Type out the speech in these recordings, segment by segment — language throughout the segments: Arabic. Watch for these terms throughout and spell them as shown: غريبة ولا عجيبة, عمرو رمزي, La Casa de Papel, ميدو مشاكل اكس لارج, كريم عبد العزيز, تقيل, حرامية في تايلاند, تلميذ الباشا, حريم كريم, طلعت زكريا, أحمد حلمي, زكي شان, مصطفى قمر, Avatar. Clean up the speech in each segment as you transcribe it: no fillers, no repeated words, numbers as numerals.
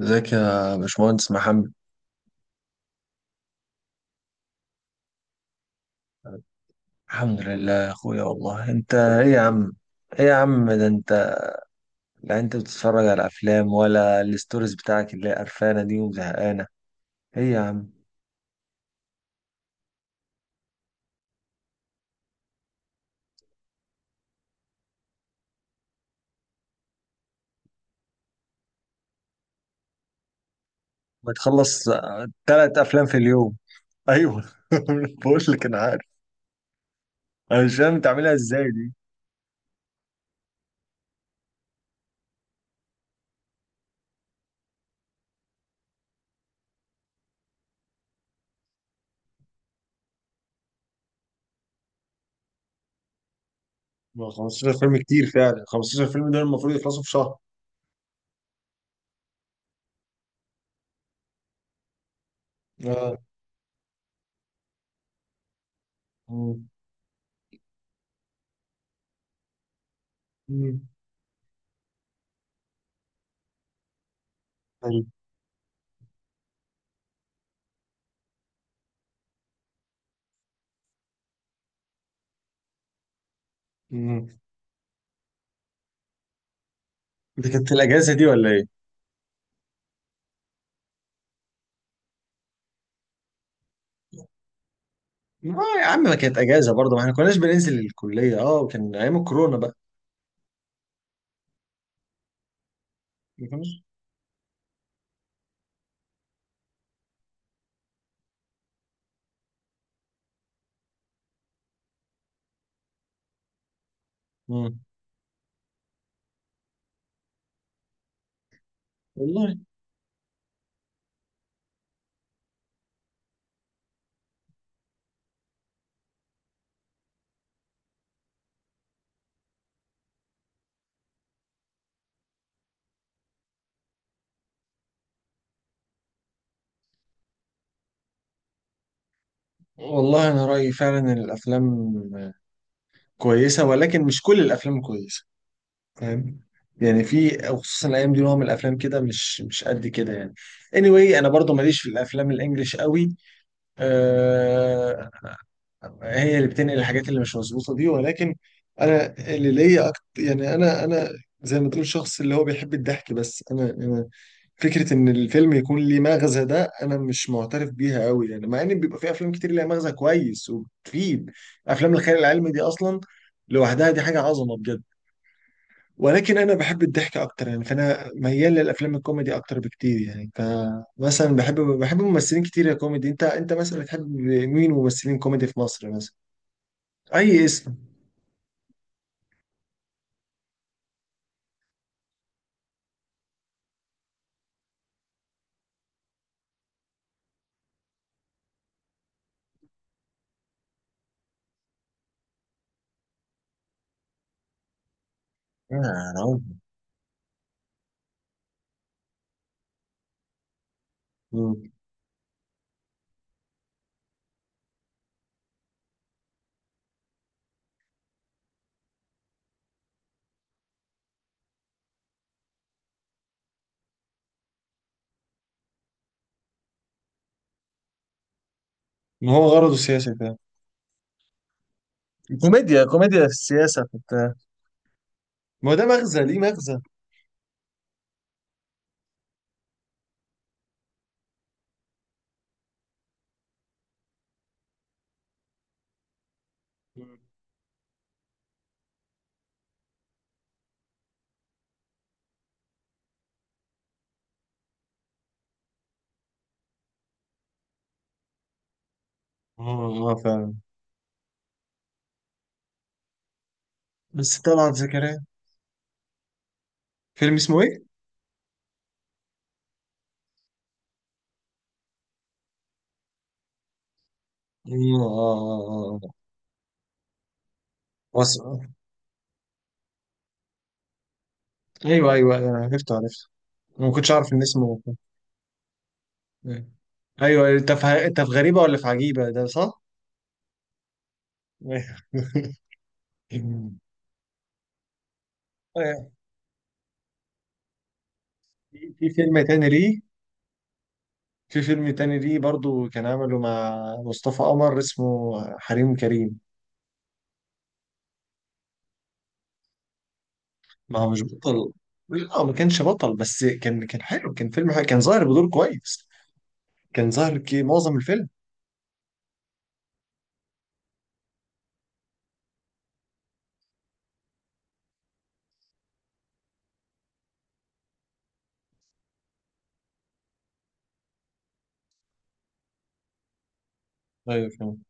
ازيك يا باشمهندس محمد. الحمد لله يا اخويا، والله انت ايه يا عم؟ ايه يا عم ده انت؟ لا، انت بتتفرج على افلام ولا الستوريز بتاعك اللي هي قرفانه دي وزهقانه؟ ايه يا عم؟ ما تخلص. ثلاث افلام في اليوم؟ ايوه. بقول لك انا عارف. انا مش فاهم بتعملها ازاي دي. ما 15 فيلم كتير فعلا، 15 فيلم دول المفروض يخلصوا في شهر. اه. مم. مم. طيب. مم. دي كانت الاجازه دي ولا ايه؟ ما يا عم ما كانت اجازه برضه، ما احنا كناش بننزل الكليه، اه، وكان ايام الكورونا بقى. ما كناش. مم. والله. والله انا رايي فعلا إن الافلام كويسه ولكن مش كل الافلام كويسه. فاهم. يعني في خصوصا الايام دي نوع من الافلام كده مش قد كده يعني. Anyway انا برضه ماليش في الافلام الانجليش قوي. أه. هي اللي بتنقل الحاجات اللي مش مظبوطه دي، ولكن انا اللي ليا أكتر يعني انا. زي ما تقول شخص اللي هو بيحب الضحك، بس انا فكره ان الفيلم يكون ليه مغزى ده انا مش معترف بيها قوي يعني، مع ان بيبقى في افلام كتير ليها مغزى كويس وبتفيد. افلام الخيال العلمي دي اصلا لوحدها دي حاجه عظمه بجد، ولكن انا بحب الضحك اكتر يعني، فانا ميال للافلام الكوميدي اكتر بكتير يعني. فمثلا بحب ممثلين كتير يا كوميدي. انت مثلا بتحب مين ممثلين كوميدي في مصر مثلا؟ اي اسم؟ يا راجل. مم. ما هو غرضه السياسي ده. كوميديا، كوميديا في السياسة في بتاع. ما هو ده مغزى، ليه مغزى. مم. اه، اه، فعلا. بس طبعا زكريا. فيلم اسمه ايه؟ مم، اه، اه. اه، آه. وس... ايوه ايوه، انا عرفته عرفته. أنا ما كنتش اعرف ان اسمه. ايوه. أيوة، انت في غريبه ولا في عجيبه ده؟ صح؟ أيوة. في فيلم تاني ليه؟ في فيلم تاني ليه برضو كان عمله مع مصطفى قمر، اسمه حريم كريم. ما هو مش بطل. اه، ما كانش بطل، بس كان حلو، كان فيلم حلو، كان ظاهر بدور كويس. كان ظاهر كي معظم الفيلم. ايوه، فاهم.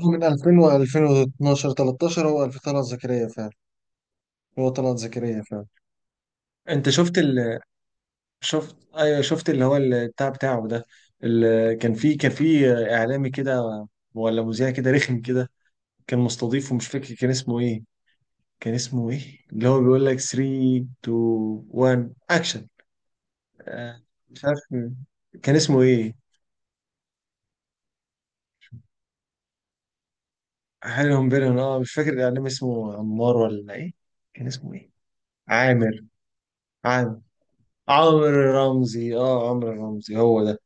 هو من 2000 و 2012، 13، هو 2000 طلعت زكريا فعلا. هو طلعت زكريا فعلا. انت شفت ال شفت ايوه، شفت اللي هو البتاع بتاعه ده، اللي كان فيه اعلامي كده، ولا مذيع كده رخم كده. كان مستضيفه، مش فاكر كان اسمه ايه. كان اسمه ايه اللي هو بيقول لك 3 2 1 اكشن؟ آه، مش عارف مين. كان اسمه ايه؟ حالهم بينهم. اه، مش فاكر الاعلام اسمه عمار ولا ايه. كان اسمه ايه؟ عامر، عامر، عمرو رمزي. اه، عمرو رمزي هو ده.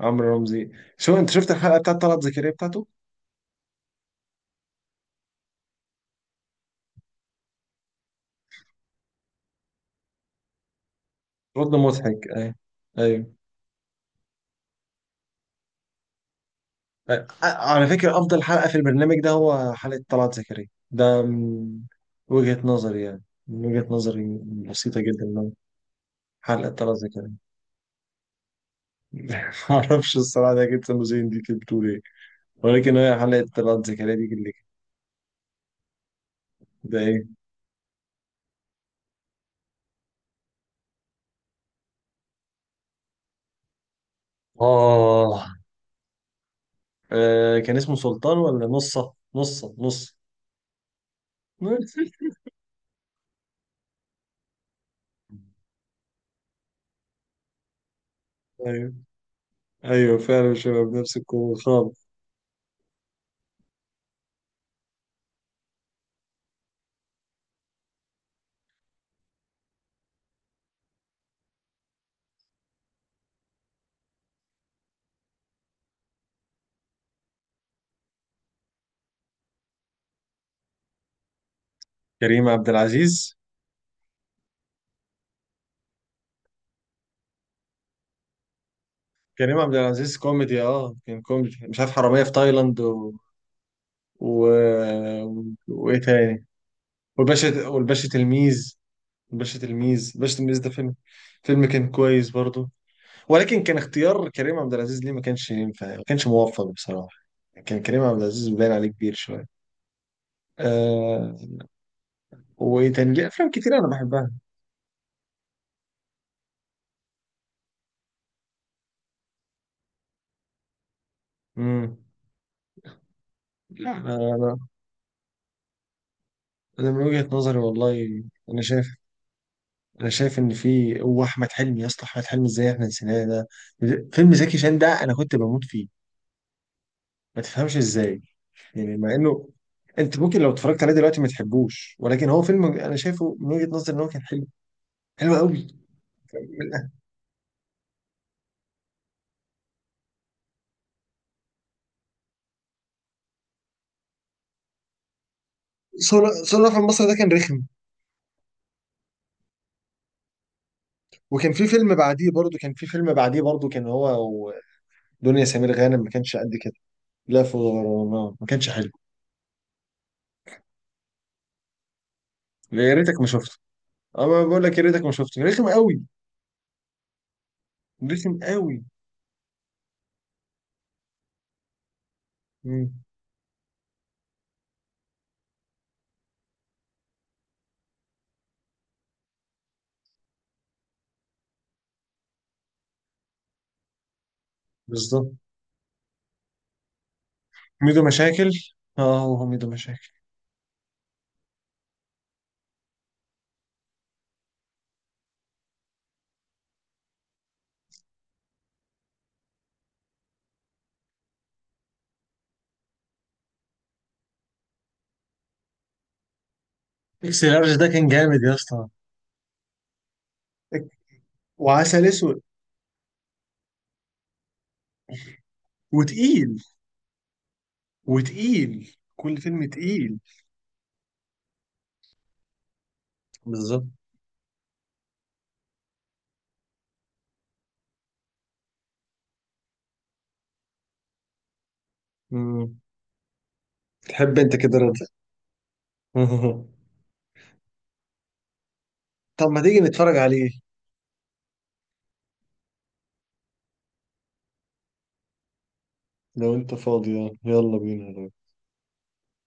عمرو رمزي. شو انت شفت الحلقه بتاعت طلعت زكريا بتاعته؟ رد مضحك، ايوه. ايوه. آه، على فكره افضل حلقه في البرنامج ده هو حلقه طلعت زكريا ده، من وجهه نظري، يعني من وجهه نظري. بسيطه جدا، إن حلقه طلعت زكريا. معرفش الصراحه ده، كانت سموزين دي كانت بتقول إيه. ولكن هي حلقة طلعت زكريا دي اللي كانت- ده ايه؟ آه. آه، كان اسمه سلطان، ولا نصة، نصة، نص؟ ايوه ايوه، فعلا شباب نفس الكوميدي خالص. كريم عبد العزيز. كريم عبد العزيز كوميدي، اه كان كوميدي، مش عارف حرامية في تايلاند و... و... وايه تاني؟ والباشا تلميذ. الباشا تلميذ، الباشا تلميذ ده فيلم، فيلم كان كويس برضو، ولكن كان اختيار كريم عبد العزيز ليه ما كانش ينفع، ما كانش موفق بصراحة. كان كريم عبد العزيز باين عليه كبير شوية. آه. وإيه تاني ليه أفلام كتير أنا بحبها. مم. لا، أنا أنا من وجهة نظري والله. أنا شايف، أنا شايف إن في هو أحمد حلمي، يا اسطى، أحمد حلمي إزاي إحنا نسيناه ده؟ فيلم زكي شان ده أنا كنت بموت فيه. ما تفهمش إزاي. يعني مع إنه أنت ممكن لو اتفرجت عليه دلوقتي ما تحبوش، ولكن هو فيلم أنا شايفه من وجهة نظري إن هو كان حلو، حلو قوي. من- صورة في مصر ده كان رخم. وكان في فيلم بعديه برضه، كان في فيلم بعديه برضه، كان هو ودنيا سمير غانم ما كانش قد كده. لف ودوران ما كانش حلو. يا ريتك ما شفته. انا بقول لك يا ريتك ما شفته، رخم قوي، رخم قوي. مم. بالظبط. ميدو مشاكل. اه، هو ميدو مشاكل. اكس لارج ده كان جامد يا اسطى. وعسل اسود. وتقيل. وتقيل، كل فيلم تقيل. بالظبط. مم. تحب انت كده رضا؟ طب ما تيجي نتفرج عليه؟ لو انت فاضي يعني. يلا بينا.